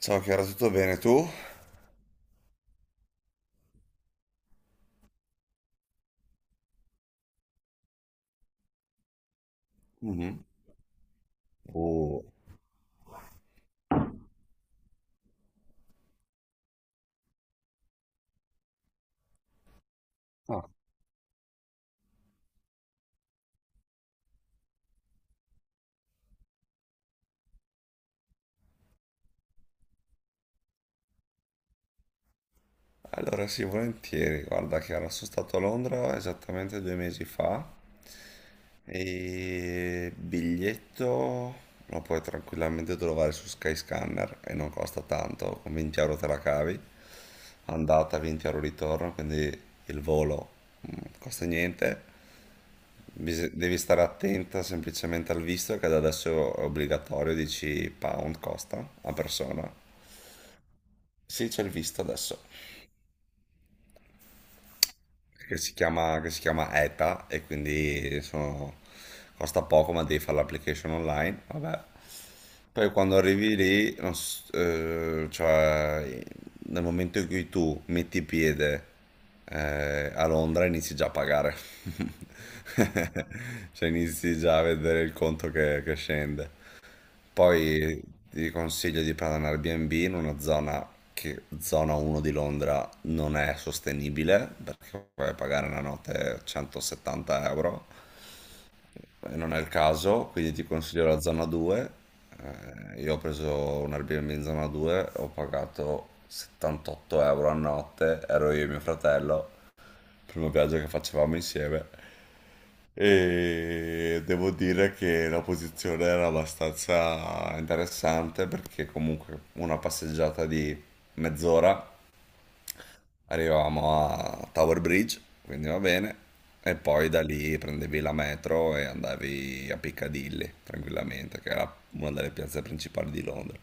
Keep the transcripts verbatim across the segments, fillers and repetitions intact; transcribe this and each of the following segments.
Ciao Chiara, tutto bene tu? Mhm. Oh. Ah, allora sì, volentieri. Guarda Chiara, sono stato a Londra esattamente due mesi fa e biglietto lo puoi tranquillamente trovare su Skyscanner e non costa tanto, con venti euro te la cavi, andata venti euro ritorno, quindi il volo mm, costa niente. Bis- Devi stare attenta semplicemente al visto che da adesso è obbligatorio, dieci pound costa a persona. Sì, c'è il visto adesso, che si chiama, che si chiama E T A e quindi sono- costa poco ma devi fare l'application online, vabbè. Poi quando arrivi lì, non s- eh, cioè nel momento in cui tu metti piede eh, a Londra inizi già a pagare, cioè inizi già a vedere il conto che che scende. Poi ti consiglio di prendere un Airbnb in una zona, che zona uno di Londra non è sostenibile perché puoi pagare una notte centosettanta euro, eh, non è il caso, quindi ti consiglio la zona due. Eh, io ho preso un Airbnb in zona due, ho pagato settantotto euro a notte, ero io e mio fratello, primo viaggio che facevamo insieme. E devo dire che la posizione era abbastanza interessante perché comunque una passeggiata di mezz'ora arrivavamo a Tower Bridge, quindi va bene, e poi da lì prendevi la metro e andavi a Piccadilly tranquillamente, che era una delle piazze principali di Londra.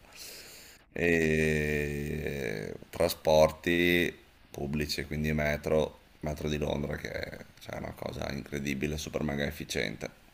E trasporti pubblici, quindi metro, metro di Londra che è, cioè, una cosa incredibile, super mega efficiente.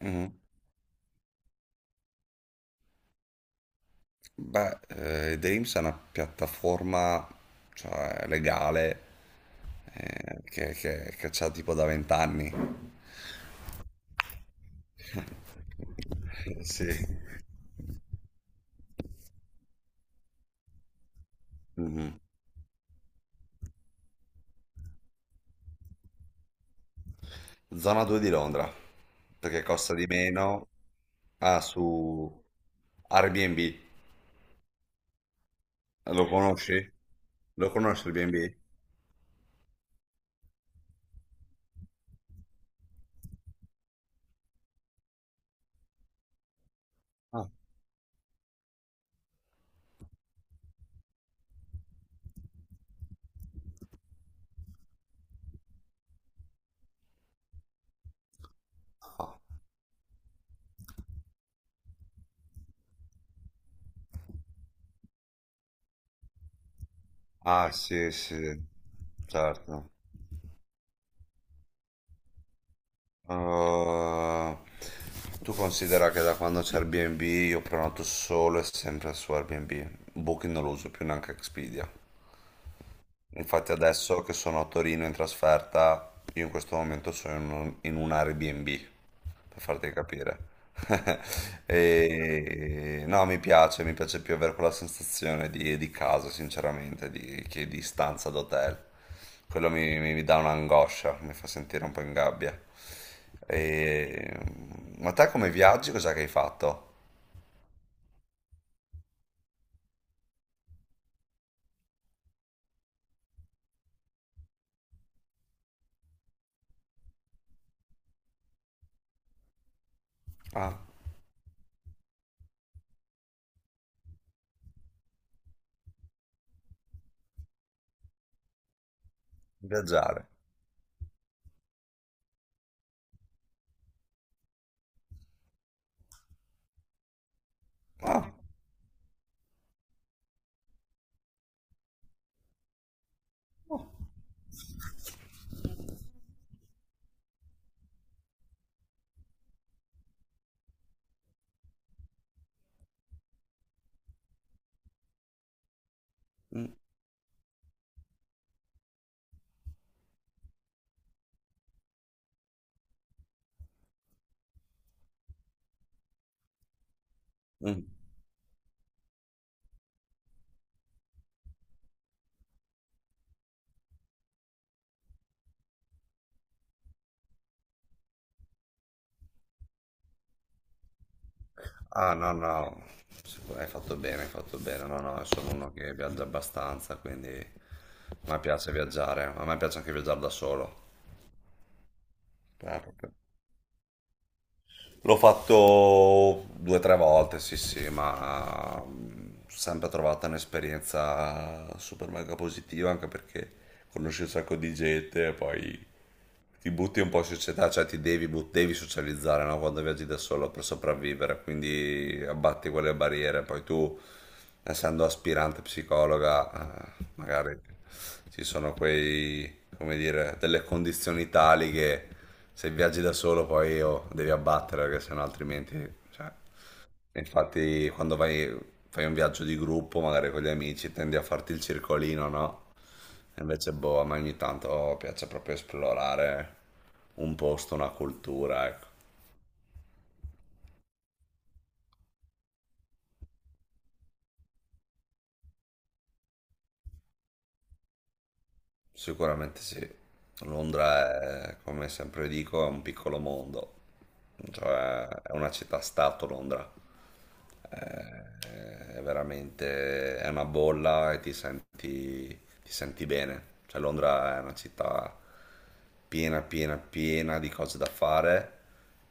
Mhm. Beh, eh, Dreams è una piattaforma, cioè, legale, eh, che, che, che c'ha tipo da vent'anni. Sì. Mhm. Zona due di Londra, perché costa di meno. Ah, su Airbnb. Lo conosci? Lo conosci Airbnb? Ah, ah, sì, sì, certo. Uh, tu considera che da quando c'è Airbnb io prenoto solo e sempre su Airbnb. Booking non lo uso più, neanche Expedia. Infatti adesso che sono a Torino in trasferta, io in questo momento sono in un, in un Airbnb, per farti capire. E... No, mi piace, mi piace più avere quella sensazione di, di casa, sinceramente, di, che di stanza d'hotel. Quello mi, mi- mi dà un'angoscia, mi fa sentire un po' in gabbia. E... Ma te come viaggi, cos'è che hai fatto? Ah, viaggiare. Ah, mm, mm. Ah, no, no, sicur- hai fatto bene, hai fatto bene. No, no, sono uno che viaggia abbastanza, quindi a me piace viaggiare, a me piace anche viaggiare da solo. Eh, proprio. L'ho fatto due o tre volte, sì, sì, ma mm, sempre trovata un'esperienza super mega positiva, anche perché conosci un sacco di gente e poi ti butti un po' in società, cioè ti devi, but- devi socializzare, no? Quando viaggi da solo per sopravvivere, quindi abbatti quelle barriere. Poi tu, essendo aspirante psicologa, eh, magari ci sono quei, come dire, delle condizioni tali che se viaggi da solo poi oh, devi abbattere, perché sennò altrimenti. Cioè. Infatti, quando vai, fai un viaggio di gruppo, magari con gli amici, tendi a farti il circolino, no? Invece, boh, a me ogni tanto piace proprio esplorare un posto, una cultura, ecco. Sicuramente sì, Londra è, come sempre dico, è un piccolo mondo, cioè è una città-stato Londra, è, è veramente, è una bolla e ti senti, ti senti bene, cioè Londra è una città piena, piena, piena di cose da fare,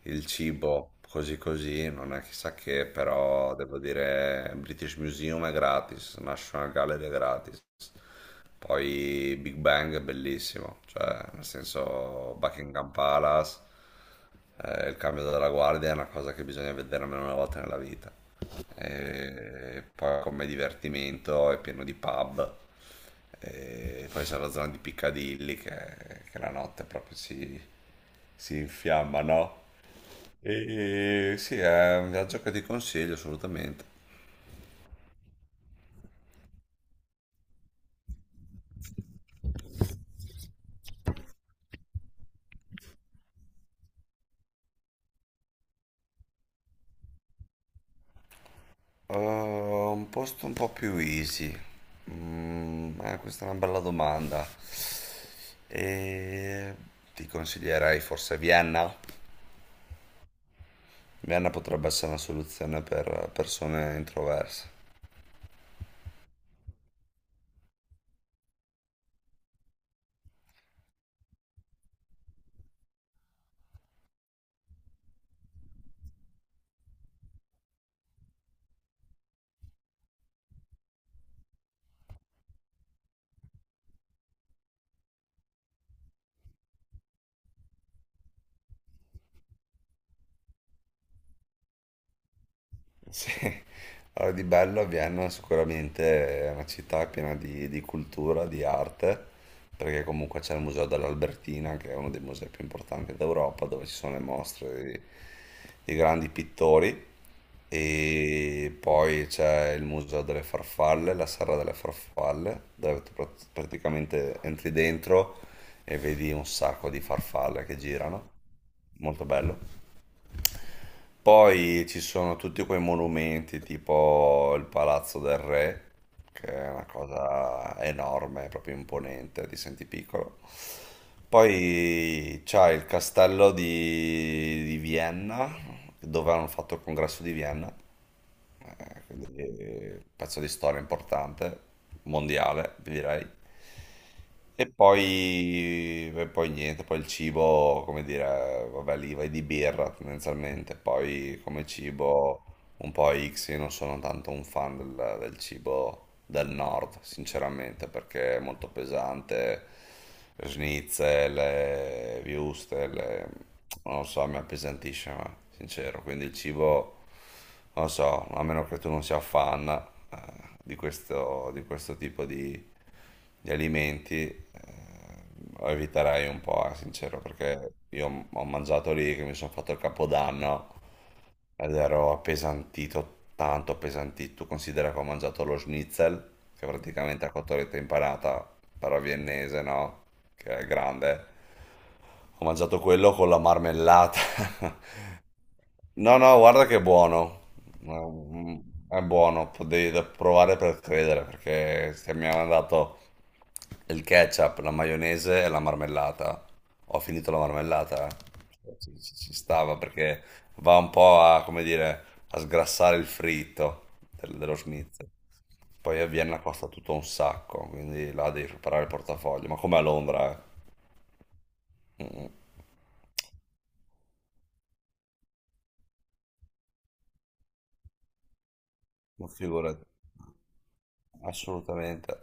il cibo così così, non è chissà che, però devo dire British Museum è gratis, National Gallery è gratis. Poi Big Bang è bellissimo, cioè nel senso Buckingham Palace, eh, il cambio della guardia è una cosa che bisogna vedere almeno una volta nella vita. E poi come divertimento è pieno di pub, e poi c'è la zona di Piccadilly che, che la notte proprio si, si infiamma, no? E sì, è un viaggio che ti consiglio assolutamente. Eh, un posto un po' più easy. Mm, eh, questa è una bella domanda. E ti consiglierei forse Vienna? Vienna potrebbe essere una soluzione per persone introverse. Sì, allora di bello Vienna sicuramente è una città piena di, di cultura, di arte, perché comunque c'è il Museo dell'Albertina, che è uno dei musei più importanti d'Europa, dove ci sono le mostre di, di grandi pittori, e poi c'è il Museo delle Farfalle, la Serra delle Farfalle, dove tu prat- praticamente entri dentro e vedi un sacco di farfalle che girano, molto bello. Poi ci sono tutti quei monumenti, tipo il Palazzo del Re, che è una cosa enorme, proprio imponente, ti senti piccolo. Poi c'è il castello di, di Vienna, dove hanno fatto il congresso di Vienna. Eh, quindi, eh, pezzo di storia importante, mondiale, vi direi. E poi, e poi niente, poi il cibo, come dire, vabbè, lì vai di birra tendenzialmente, poi come cibo un po' X, io non sono tanto un fan del, del cibo del nord, sinceramente, perché è molto pesante, schnitzel, le würstel, le- non lo so, mi appesantisce, ma sincero, quindi il cibo non so, a meno che tu non sia fan, eh, di questo, di questo tipo di, di alimenti, eh, lo eviterei un po', eh, sincero, perché io ho mangiato lì che mi sono fatto il capodanno ed ero appesantito, tanto appesantito. Tu considera che ho mangiato lo schnitzel, che praticamente è cotoletta impanata, però viennese, no? Che è grande. Ho mangiato quello con la marmellata. No, no, guarda che è buono. Mm, È buono, po- devi da- provare per credere, perché se mi hanno dato il ketchup, la maionese e la marmellata. Ho finito la marmellata, eh. Cioè, Ci, ci- ci stava perché va un po' a, come dire, a sgrassare il fritto del- dello schnitzel. Poi a Vienna costa tutto un sacco, quindi là devi preparare il portafoglio, ma come a Londra, eh. Mm, mm, Ma figurati, assolutamente.